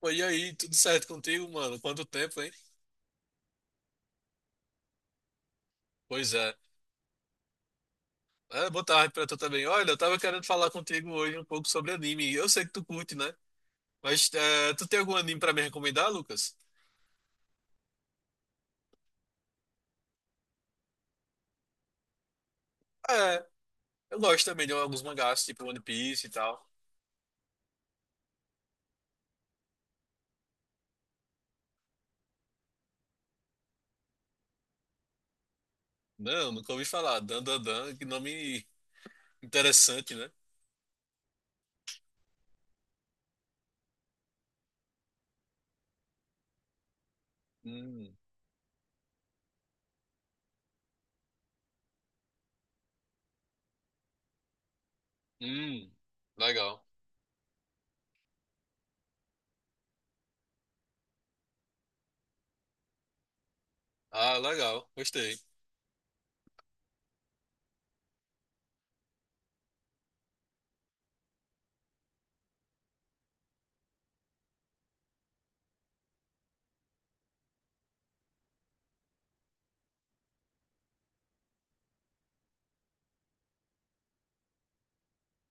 Pô, e aí, tudo certo contigo, mano? Quanto tempo, hein? Pois é. Boa tarde pra tu também. Olha, eu tava querendo falar contigo hoje um pouco sobre anime. Eu sei que tu curte, né? Tu tem algum anime pra me recomendar, Lucas? É, eu gosto também de alguns mangás, tipo One Piece e tal. Não, nunca ouvi falar. Dan Dan Dan, que nome interessante, né? Hum, hum, legal. Ah, legal, gostei.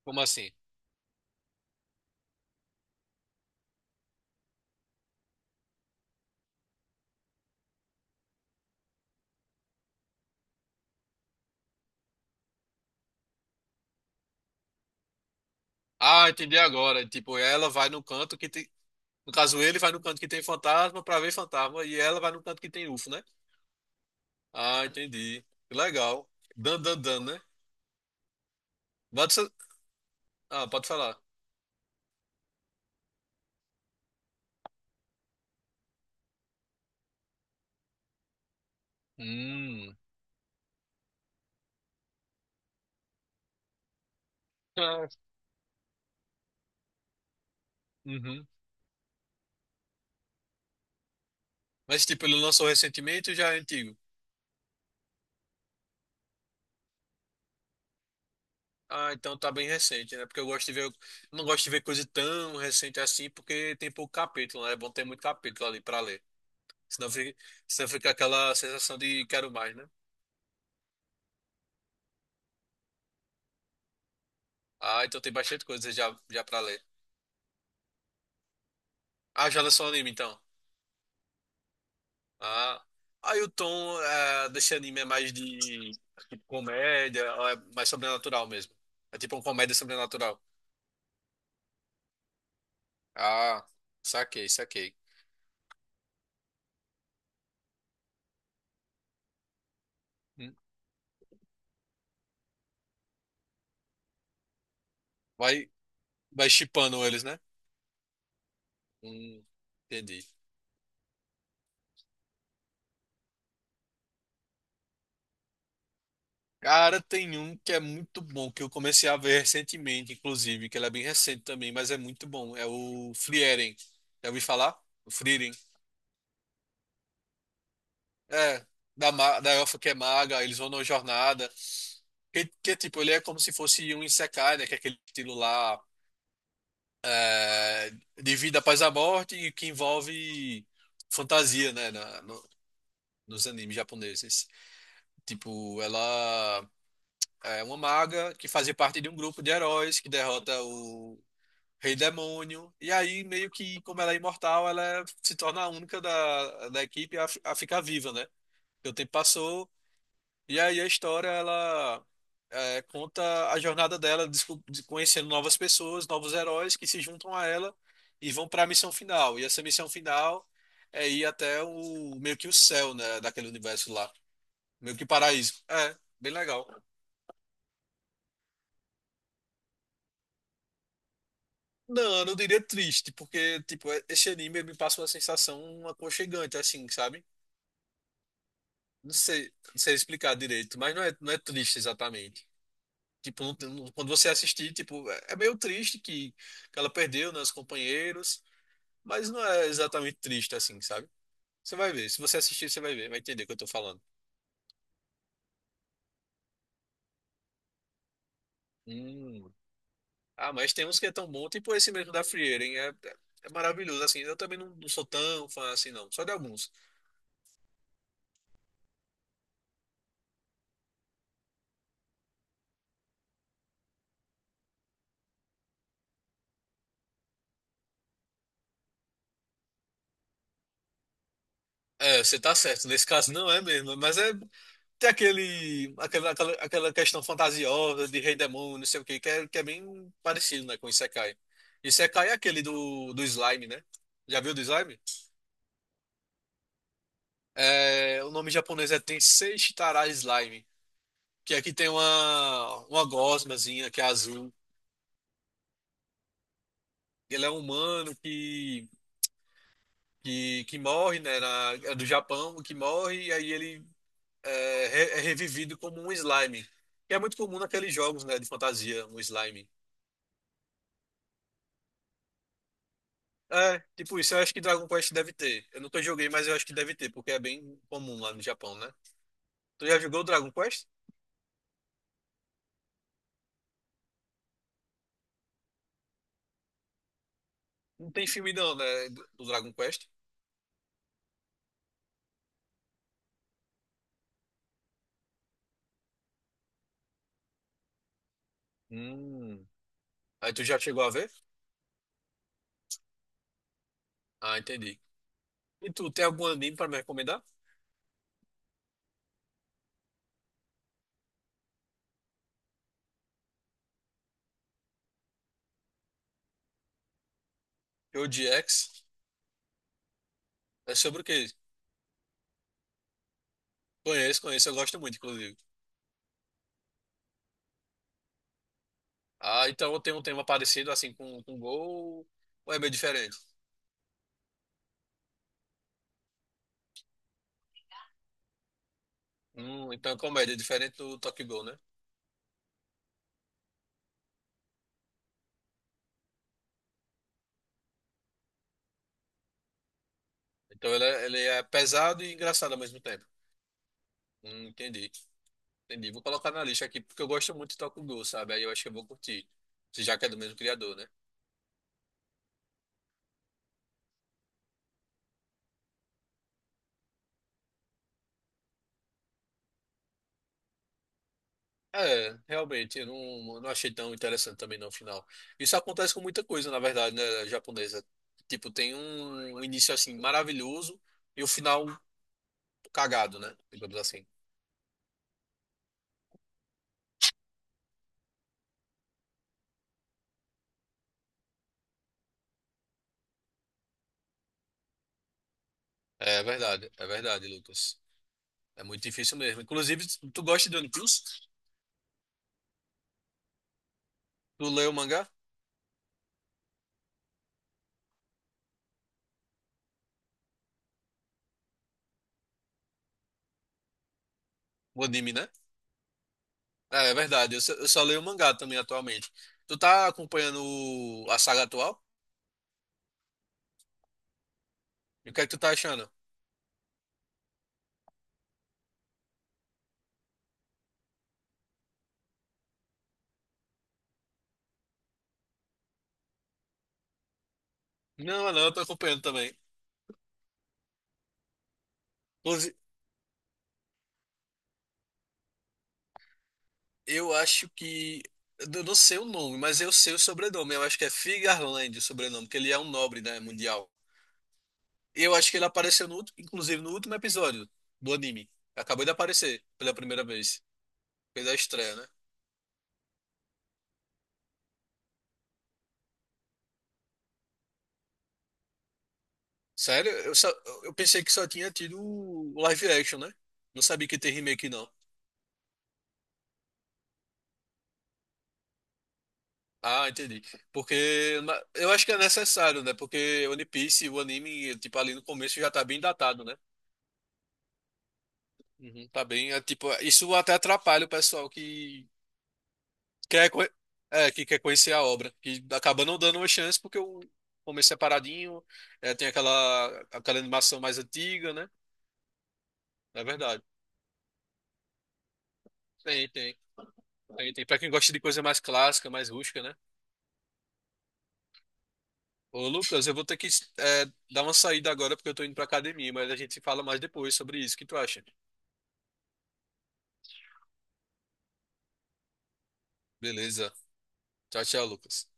Como assim? Ah, entendi agora. Tipo, ela vai no canto que, te- no caso, ele vai no canto que tem fantasma pra ver fantasma e ela vai no canto que tem UFO, né? Ah, entendi. Que legal. Dan, dan, dan, né? Pode ser- Ah, pode falar. Hum. Ah, uhum. Mas, tipo, ele lançou recentemente ou já é antigo? Ah, então tá bem recente, né? Porque eu gosto de ver, eu não gosto de ver coisa tão recente assim, porque tem pouco capítulo, né? É bom ter muito capítulo ali pra ler. Senão fica, senão fica aquela sensação de quero mais, né? Ah, então tem bastante coisa já, já pra ler. Ah, já lançou o anime, então. Ah, Aí o tom é, desse anime é mais de tipo, comédia, ou é mais sobrenatural mesmo. É tipo uma comédia sobrenatural. Ah, saquei, saquei. Hum, Vai, vai shippando eles, né? Hum, entendi. Cara, tem um que é muito bom, que eu comecei a ver recentemente, inclusive, que ele é bem recente também, mas é muito bom. É o Frieren. Já ouvi falar? O Frieren. É, Da elfa que é maga, eles vão numa jornada. Tipo, ele é como se fosse um Isekai, né? Que é aquele estilo lá é, de vida após a morte e que envolve fantasia, né? Nos animes japoneses. Tipo, ela é uma maga que fazia parte de um grupo de heróis que derrota o Rei Demônio. E aí, meio que, como ela é imortal, ela se torna a única da equipe a, a ficar viva, né? Porque o tempo passou. E aí a história ela é, conta a jornada dela, conhecendo novas pessoas, novos heróis que se juntam a ela e vão para a missão final. E essa missão final é ir até o meio que o céu, né, daquele universo lá, meio que paraíso. É, bem legal. Não, eu não diria triste, porque tipo esse anime ele me passa uma sensação aconchegante, assim, sabe? Não sei, não sei explicar direito, mas não é triste exatamente. Tipo, quando você assistir, tipo, é meio triste que ela perdeu, né, os companheiros, mas não é exatamente triste assim, sabe? Você vai ver, se você assistir, você vai ver, vai entender o que eu tô falando. Hum. Ah, mas tem uns que é tão bom, tipo esse mesmo da Frieira, hein? É maravilhoso, assim. Eu também não sou tão fã assim, não, só de alguns. É, você tá certo, nesse caso não é mesmo, mas é. Tem aquela questão fantasiosa de rei demônio, não sei o quê, que é bem parecido, né, com Isekai. Isekai é aquele do slime, né? Já viu do slime? É, o nome japonês é Tensei Shitara Slime, que aqui tem uma gosmazinha que é azul. Ele é um humano que morre, né? É do Japão, que morre, e aí ele é revivido como um slime. Que é muito comum naqueles jogos, né, de fantasia, um slime. É, tipo isso, eu acho que Dragon Quest deve ter. Eu nunca joguei, mas eu acho que deve ter, porque é bem comum lá no Japão, né? Tu já jogou o Dragon Quest? Não tem filme não, né, do do Dragon Quest? Hum. Aí tu já chegou a ver? Ah, entendi. E tu, tem algum anime pra me recomendar? Eu de X? É sobre o quê? Conheço, conheço, eu gosto muito, inclusive. Ah, então tem um tema parecido, assim, com Gol, ou é meio diferente? Então é comédia, é diferente do Tokyo Ghoul, né? Então ele é pesado e engraçado ao mesmo tempo. Entendi. Entendi. Vou colocar na lista aqui, porque eu gosto muito de Tokugou, sabe? Aí eu acho que eu vou curtir. Se Já que é do mesmo criador, né? É, realmente, eu não achei tão interessante também no final. Isso acontece com muita coisa, na verdade, né, japonesa. Tipo, tem um início assim maravilhoso e o final cagado, né? Digamos assim. É verdade, Lucas. É muito difícil mesmo. Inclusive, tu gosta de One Piece? Tu leu o mangá? O anime, né? É, é verdade. Eu só leio o mangá também atualmente. Tu tá acompanhando a saga atual? E o que é que tu tá achando? Não, não, eu tô acompanhando também. Inclusive, eu acho que. Eu não sei o nome, mas eu sei o sobrenome. Eu acho que é Figarland o sobrenome, porque ele é um nobre, né, mundial. Eu acho que ele apareceu, inclusive, no último episódio do anime. Acabou de aparecer pela primeira vez. Fez a estreia, né? Sério? Eu pensei que só tinha tido o live action, né? Não sabia que tem remake, não. Ah, entendi. Eu acho que é necessário, né? Porque One Piece, o anime, tipo, ali no começo já tá bem datado, né? Uhum, tá bem. É, tipo, isso até atrapalha o pessoal que quer, co- é, que quer conhecer a obra, que acaba não dando uma chance porque o começo separadinho, é, tem aquela animação mais antiga, né? É verdade. Tem, tem. Tem, tem. Pra quem gosta de coisa mais clássica, mais rústica, né? Ô, Lucas, eu vou ter que, é, dar uma saída agora porque eu tô indo pra academia, mas a gente fala mais depois sobre isso. O que tu acha? Beleza. Tchau, tchau, Lucas.